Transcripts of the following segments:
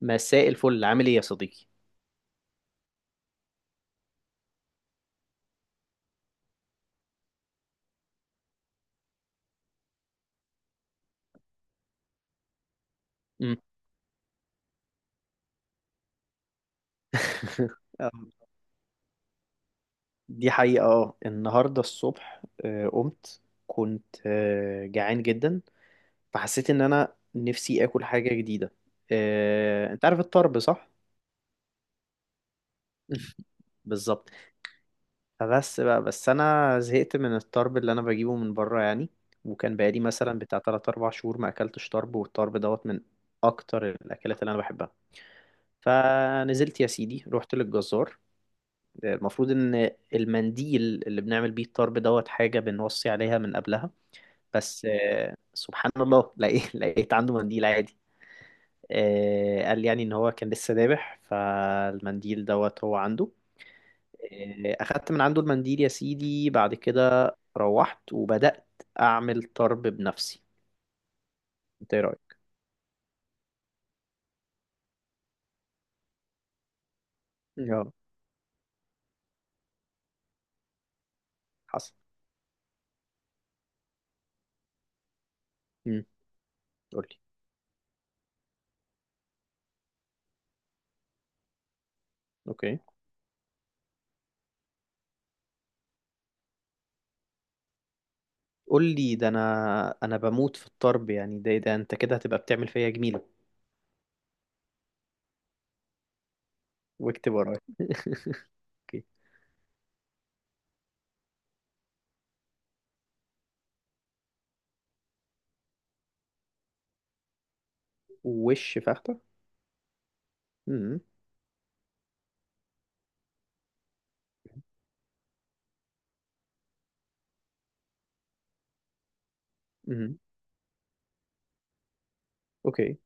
مساء الفل، عامل ايه يا صديقي؟ مم. آه. دي حقيقة. اه، النهاردة الصبح قمت، كنت جعان جدا. فحسيت ان انا نفسي اكل حاجة جديدة. انت عارف الطرب، صح؟ بالظبط. فبس بقى، بس انا زهقت من الطرب اللي انا بجيبه من بره يعني. وكان بقالي مثلا بتاع 3 4 شهور ما اكلتش طرب، والطرب دوت من اكتر الاكلات اللي انا بحبها. فنزلت يا سيدي، رحت للجزار. المفروض ان المنديل اللي بنعمل بيه الطرب دوت حاجة بنوصي عليها من قبلها. بس سبحان الله، لقيت عنده منديل عادي. قال يعني ان هو كان لسه ذابح، فالمنديل دوت هو عنده. اخدت من عنده المنديل يا سيدي، بعد كده روحت وبدأت اعمل طرب بنفسي. انت ايه رأيك؟ اه، حصل. امم قول لي. اوكي، قول لي. ده انا بموت في الطرب يعني، ده انت كده هتبقى بتعمل فيا جميلة. واكتب ورايا. اوكي. وش فخدة. امم. امم. اوكي.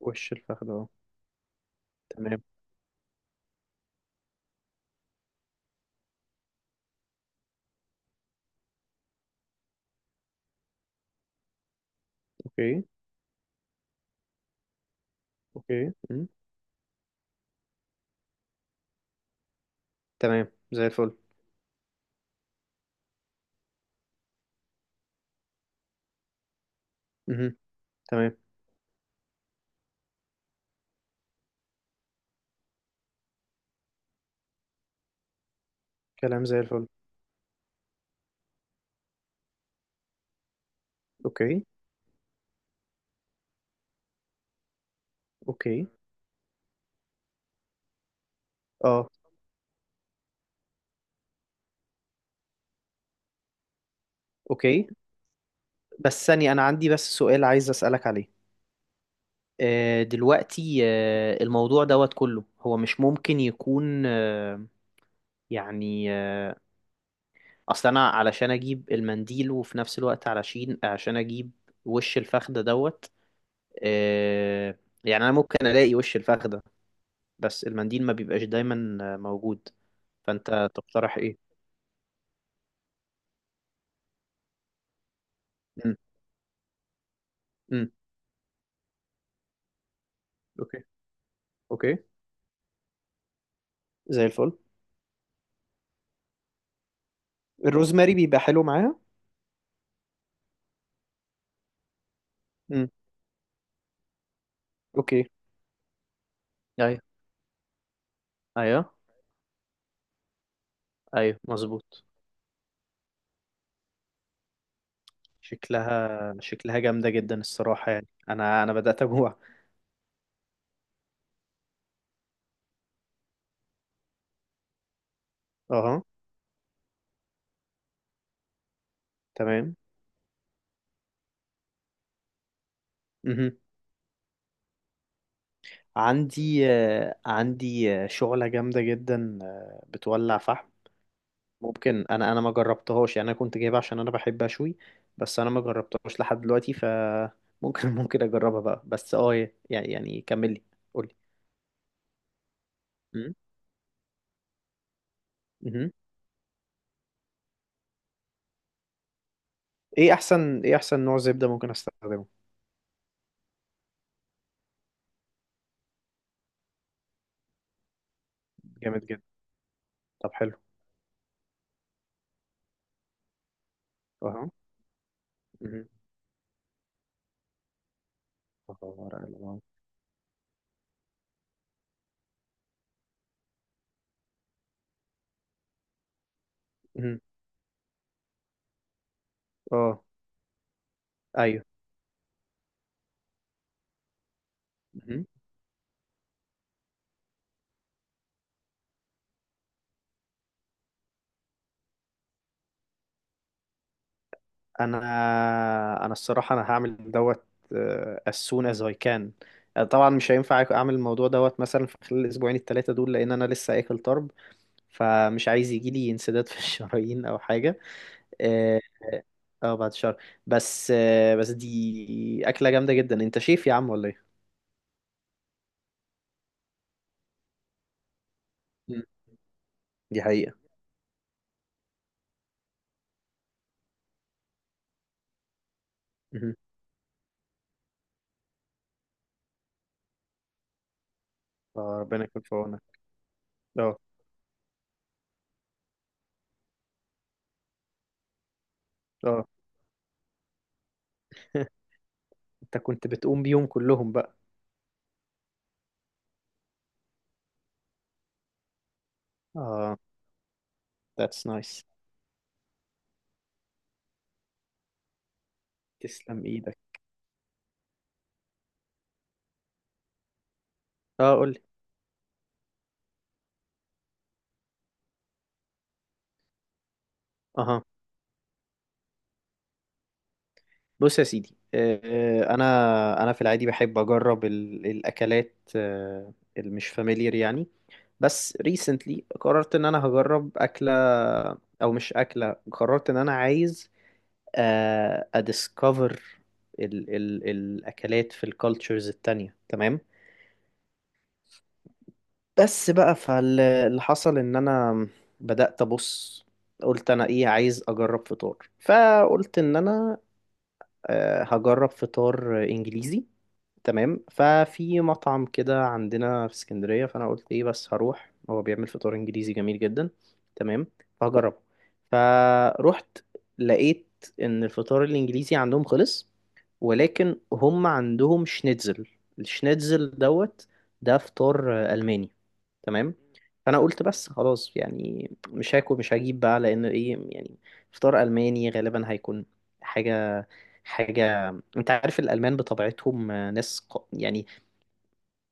وش الفخدة. اه. تمام. اوكي. اوكي. امم. تمام، زي الفل. امم. تمام. كلام زي الفل. اوكي. اوكي. اه. اوكي. بس ثانية، انا عندي بس سؤال عايز اسألك عليه. دلوقتي، الموضوع دوت كله هو مش ممكن يكون يعني اصل انا علشان اجيب المنديل، وفي نفس الوقت علشان اجيب وش الفخدة دوت. يعني انا ممكن الاقي وش الفخدة، بس المنديل ما بيبقاش دايما موجود. فانت تقترح ايه؟ امم. امم. اوكي. اوكي. زي الفل. الروزماري بيبقى حلو معاها. امم. اوكي. ايوه. ايوه. ايوه مظبوط. شكلها جامدة جدا الصراحة، يعني انا بدأت اجوع. اها. تمام. مهم. عندي شعلة جامدة جدا بتولع فحم. ممكن انا ما جربتهاش، يعني انا كنت جايبها عشان انا بحب اشوي. بس انا ما جربتهاش لحد دلوقتي، ف... ممكن ممكن اجربها بقى بس اه، يعني كملي. قولي. امم. امم. ايه احسن نوع زبدة ممكن استخدمه؟ جامد جدا. طب حلو. اه. امم. اه. ورق لورا. امم. اه. ايوه. امم. انا انا الصراحة انا هعمل دوت، as soon as I can. طبعا مش هينفع اعمل الموضوع دوت مثلا في خلال الاسبوعين الثلاثة دول، لان انا لسه اكل طرب. فمش عايز يجي لي انسداد في الشرايين او حاجه. اه. بعد شهر. بس دي اكله جامده جدا. انت شيف يا عم ولا ايه؟ مم. دي حقيقه. مهم. ربنا يكون في عونك. اه، اه. انت كنت بتقوم بيهم كلهم بقى؟ اه. That's nice. تسلم ايدك. اه، قول لي. اها. بص يا سيدي، انا في العادي بحب اجرب الاكلات اللي مش فاميليار يعني. بس ريسنتلي قررت ان انا هجرب اكله، او مش اكله، قررت ان انا عايز اديسكفر ال الاكلات في الكالتشرز التانية. تمام. بس بقى، فاللي حصل ان انا بدأت ابص، قلت انا ايه عايز اجرب؟ فطار. فقلت ان انا هجرب فطار انجليزي. تمام. ففي مطعم كده عندنا في اسكندرية، فأنا قلت إيه، بس هروح، هو بيعمل فطار إنجليزي جميل جدا. تمام فهجربه. فروحت، لقيت إن الفطار الإنجليزي عندهم خلص، ولكن هم عندهم شنيتزل. الشنيتزل دوت ده فطار ألماني. تمام. فأنا قلت بس خلاص، يعني مش هاكل، مش هجيب بقى، لأن إيه، يعني فطار ألماني غالبا هيكون حاجة، حاجة. انت عارف الألمان بطبيعتهم ناس يعني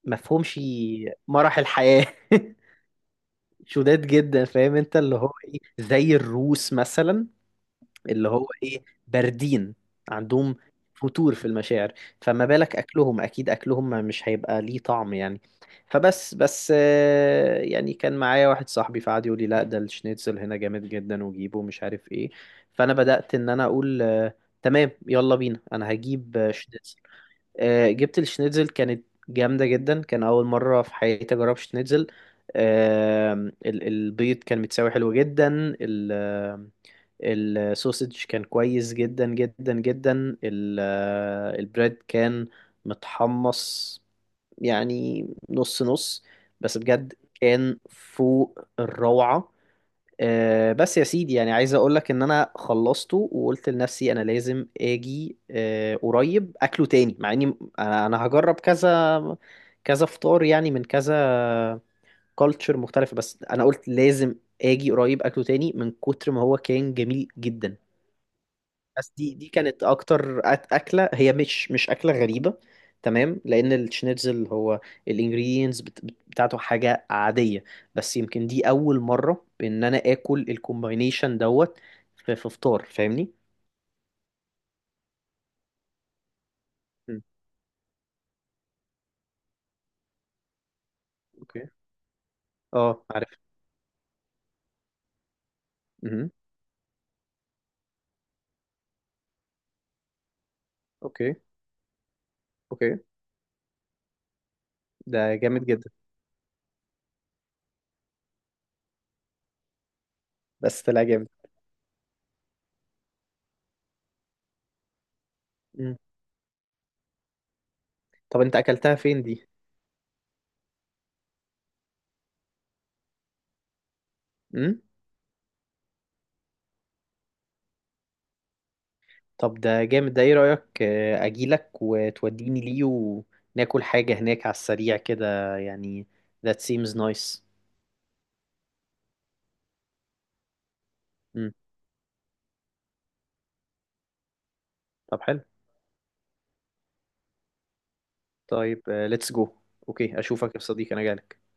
مفهومش مرح الحياة. شداد جدا، فاهم؟ انت اللي هو ايه، زي الروس مثلا، اللي هو ايه، باردين، عندهم فتور في المشاعر. فما بالك أكلهم، أكيد أكلهم مش هيبقى ليه طعم يعني. فبس يعني كان معايا واحد صاحبي فقعد يقول لي لا، ده الشنيتزل هنا جامد جدا، وجيبه، مش عارف ايه. فأنا بدأت إن أنا أقول تمام، يلا بينا، أنا هجيب شنيتزل. جبت الشنيتزل، كانت جامدة جدا. كان أول مرة في حياتي أجرب شنيتزل. البيض كان متساوي، حلو جدا. ال- آم، السوسج كان كويس جدا جدا جدا. البريد كان متحمص يعني، نص نص، بس بجد كان فوق الروعة. بس يا سيدي، يعني عايز اقول لك ان انا خلصته، وقلت لنفسي انا لازم اجي قريب اكله تاني، مع اني انا هجرب كذا كذا فطار، يعني من كذا كالتشر مختلفة، بس انا قلت لازم اجي قريب اكله تاني من كتر ما هو كان جميل جدا. بس دي كانت اكتر اكله. هي مش اكله غريبه، تمام، لان الشنيتزل هو الانجريدينتس بتاعته حاجه عاديه، بس يمكن دي اول مره ان انا اكل الكومباينيشن دوت في فطار، فاهمني؟ مم. اوكي. اه، عارف. امم. اوكي. اوكي. ده جامد جدا. بس طلع جامد. مم. طب، انت اكلتها فين دي؟ طب ده جامد. ده ايه رأيك اجيلك وتوديني ليه وناكل حاجة هناك على السريع كده يعني؟ That seems nice. مم. طب حلو. طيب، let's go. اوكي، اشوفك يا صديقي، انا جاي.